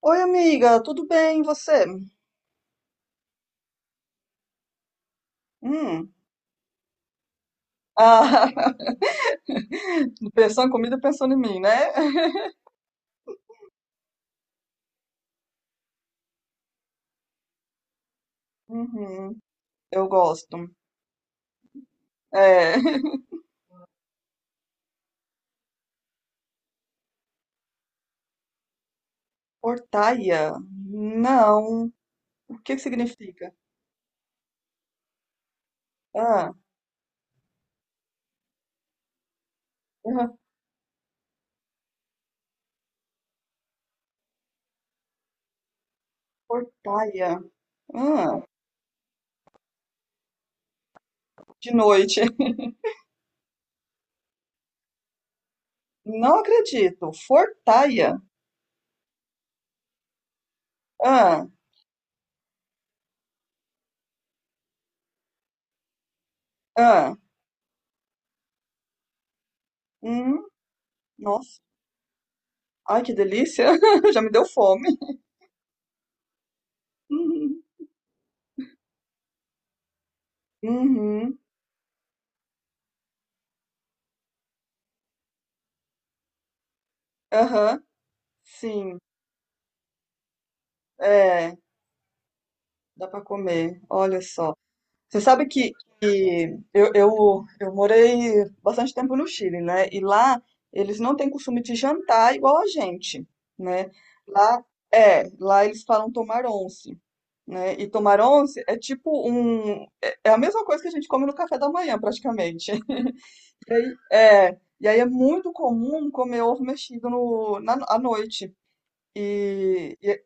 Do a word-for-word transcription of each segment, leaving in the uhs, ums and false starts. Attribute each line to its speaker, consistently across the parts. Speaker 1: Oi, amiga, tudo bem? E você? Hum. Ah, pensando em comida, pensando em mim, né? Uhum, eu gosto. É. Portaia? Não. O que que significa? Ah, ah, portaia. Ah, de noite. Não acredito. Fortaia. Ah, ah. Hum, nossa. Ai, que delícia. Já me deu fome. Uhum, uhum, aham, sim. É. Dá para comer, olha só. Você sabe que, que eu, eu, eu morei bastante tempo no Chile, né? E lá eles não têm costume de jantar igual a gente, né? Lá, é, lá eles falam tomar once, né? E tomar once é tipo um... É é a mesma coisa que a gente come no café da manhã, praticamente. É, e aí é muito comum comer ovo mexido no, na, à noite. E, e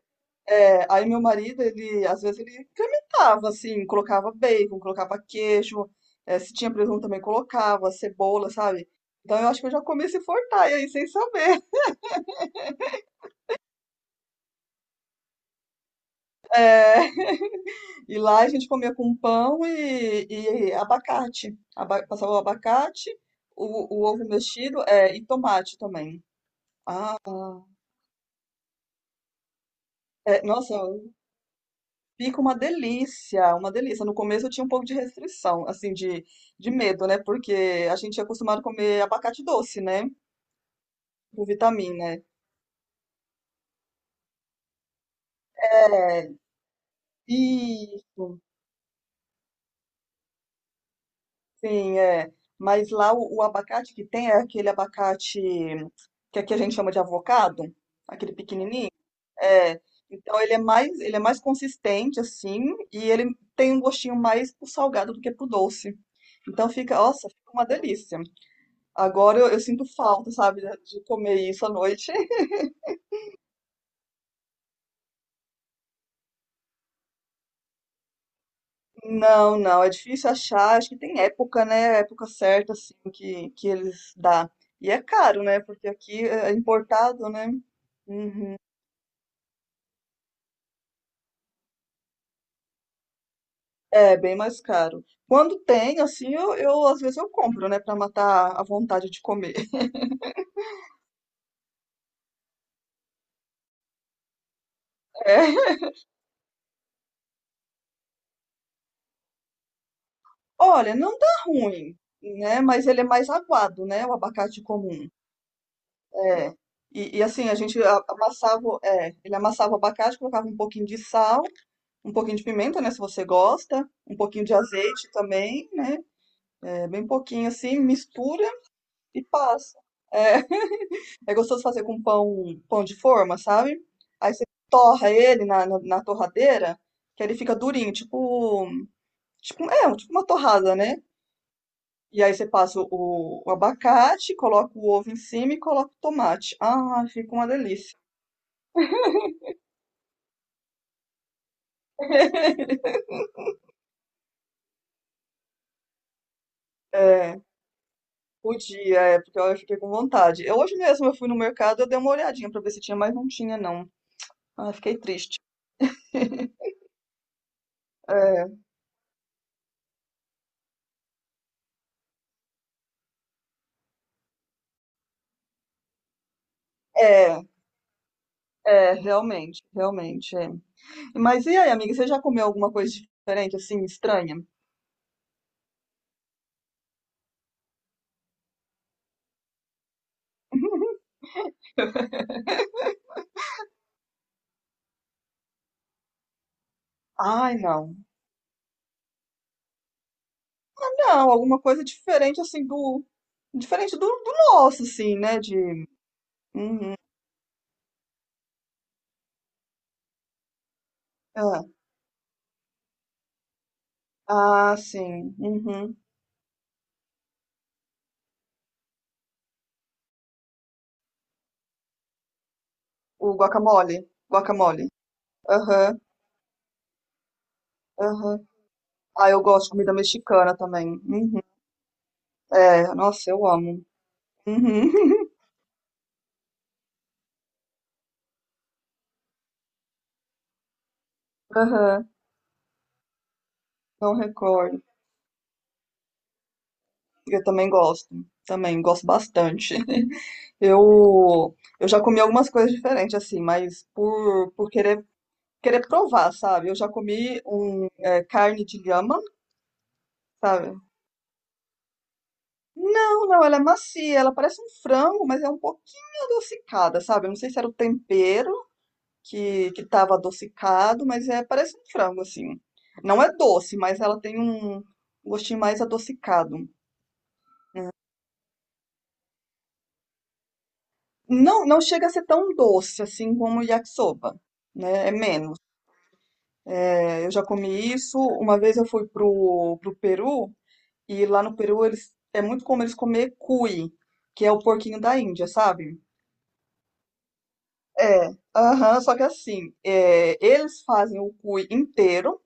Speaker 1: é, aí meu marido, ele, às vezes ele incrementava, assim, colocava bacon, colocava queijo, é, se tinha presunto também colocava, cebola, sabe? Então eu acho que eu já comi esse fortalha aí, sem saber. E lá a gente comia com pão e, e abacate. Aba- passava o abacate, o, o ovo mexido, é, e tomate também. É, nossa, fica uma delícia, uma delícia. No começo eu tinha um pouco de restrição, assim, de, de medo, né? Porque a gente é acostumado a comer abacate doce, né? Com vitamina. É, isso, sim, é. Mas lá o, o abacate que tem é aquele abacate que aqui a gente chama de avocado, aquele pequenininho. É. Então ele é mais, ele é mais consistente assim e ele tem um gostinho mais pro salgado do que pro doce. Então fica, nossa, fica uma delícia. Agora eu, eu sinto falta, sabe, de de comer isso à noite. Não, não, é difícil achar. Acho que tem época, né? Época certa, assim, que, que eles dá. E é caro, né? Porque aqui é é importado, né? Uhum. É bem mais caro. Quando tem, assim, eu, eu às vezes eu compro, né? Pra matar a vontade de comer. É. Olha, não dá ruim, né? Mas ele é mais aguado, né? O abacate comum. É. E, e assim, a gente a- amassava, é, ele amassava o abacate, colocava um pouquinho de sal, um pouquinho de pimenta, né, se você gosta, um pouquinho de azeite também, né, é, bem pouquinho assim, mistura e passa. É, é gostoso fazer com pão, pão de forma, sabe? Aí você torra ele na, na, na torradeira, que ele fica durinho, tipo, tipo, é, tipo uma torrada, né? E aí você passa o, o abacate, coloca o ovo em cima e coloca o tomate. Ah, fica uma delícia. É, podia, é, porque eu fiquei com vontade. Eu, hoje mesmo eu fui no mercado, eu dei uma olhadinha pra ver se tinha, mas não tinha, não. Ah, fiquei triste. É, é, é, realmente, realmente, é. Mas e aí, amiga, você já comeu alguma coisa diferente, assim, estranha? Ai, não. Não, alguma coisa diferente, assim, do... Diferente do, do nosso, assim, né, de... Uhum. Ah, ah, sim. Uhum. O guacamole. Guacamole. Aham, aham. Ah, eu gosto de comida mexicana também. Uhum. É, nossa, eu amo. Uhum. Aham, Não recordo. Eu também gosto. Também gosto bastante. Eu, eu já comi algumas coisas diferentes, assim, mas por, por querer, querer provar, sabe? Eu já comi um, é, carne de lhama, sabe? Não, não, ela é macia, ela parece um frango, mas é um pouquinho adocicada, sabe? Eu não sei se era o tempero que, que tava adocicado, mas é, parece um frango, assim. Não é doce, mas ela tem um gostinho mais adocicado. Não, não chega a ser tão doce, assim, como o yakisoba, né? É menos. É, eu já comi isso. Uma vez eu fui pro, pro Peru e lá no Peru eles é muito comum eles comer cuy, que é o porquinho da Índia, sabe? É, aham, só que assim, é, eles fazem o cuy inteiro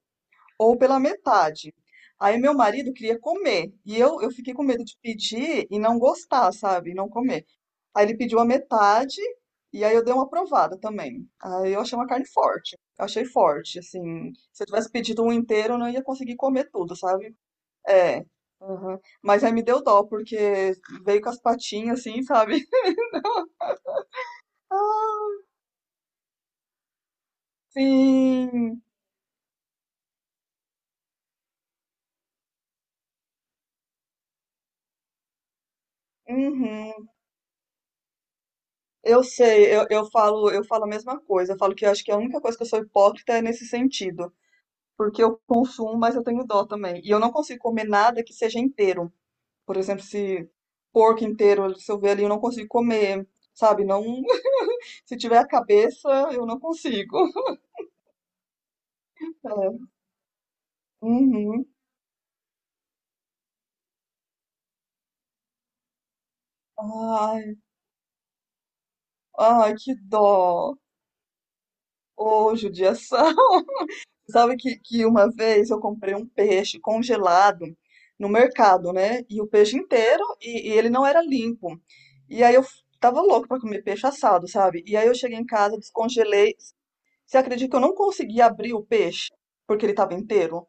Speaker 1: ou pela metade. Aí meu marido queria comer e eu, eu fiquei com medo de pedir e não gostar, sabe? E Não comer. Aí ele pediu a metade e aí eu dei uma aprovada também. Aí eu achei uma carne forte. Eu achei forte, assim. Se eu tivesse pedido um inteiro, eu não ia conseguir comer tudo, sabe? É. aham. Mas aí me deu dó, porque veio com as patinhas, assim, sabe? Ah, Sim. Uhum. Eu sei, eu, eu falo, eu falo a mesma coisa. Eu falo que eu acho que a única coisa que eu sou hipócrita é nesse sentido. Porque eu consumo, mas eu tenho dó também. E eu não consigo comer nada que seja inteiro. Por exemplo, se porco inteiro, se eu ver ali, eu não consigo comer, sabe? Não, se tiver a cabeça, eu não consigo. É. Uhum. Ai, ai, que dó. Ô, judiação. Sabe que, que uma vez eu comprei um peixe congelado no mercado, né? E o peixe inteiro, e, e ele não era limpo. E aí eu f- tava louco pra comer peixe assado, sabe? E aí eu cheguei em casa, descongelei. Você acredita que eu não consegui abrir o peixe? Porque ele tava inteiro?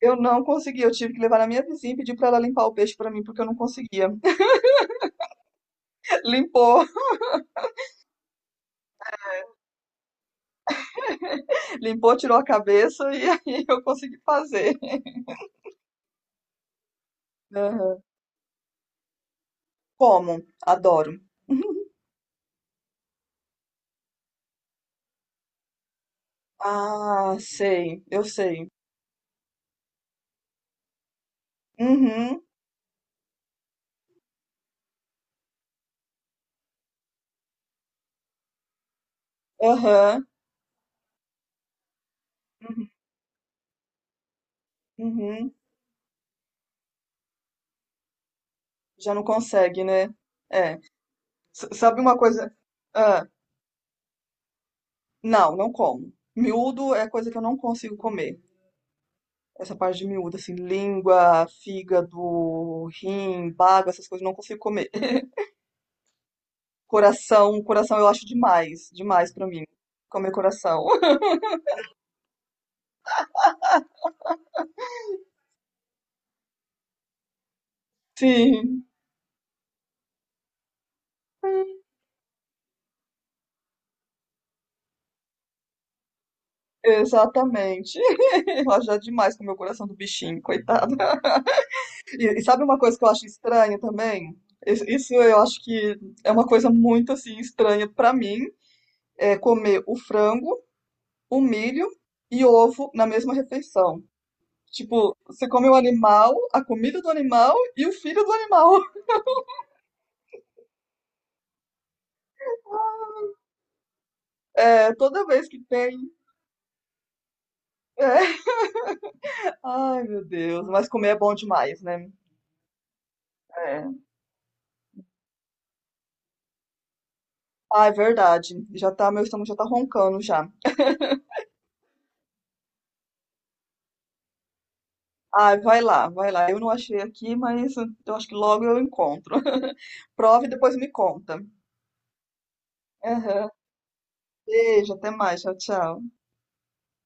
Speaker 1: Eu não consegui, eu tive que levar na minha vizinha e pedir para ela limpar o peixe para mim, porque eu não conseguia. Limpou, limpou, tirou a cabeça e aí eu consegui fazer. Aham. Como? Adoro. Ah, sei, eu sei. Uhum, aham, uhum, uhum. Já não consegue, né? É. S- sabe uma coisa? Ah, não, não como. Miúdo é coisa que eu não consigo comer. Essa parte de miúdo, assim, língua, fígado, rim, bago, essas coisas, eu não consigo comer. Coração, coração eu acho demais, demais pra mim. Comer coração. Sim, exatamente. Eu acho já demais comer o coração do bichinho, coitado. E, e sabe uma coisa que eu acho estranha também? Isso isso eu acho que é uma coisa muito assim estranha pra mim, é comer o frango, o milho e ovo na mesma refeição. Tipo, você come o animal, a comida do animal e o filho do animal. É, toda vez que tem. É. Ai, meu Deus, mas comer é bom demais, né? É. Ah, é verdade. Já tá, meu estômago já tá roncando já. Ah, vai lá, vai lá. Eu não achei aqui, mas eu acho que logo eu encontro. Prova e depois me conta. Aham. Beijo, até mais. Tchau, tchau.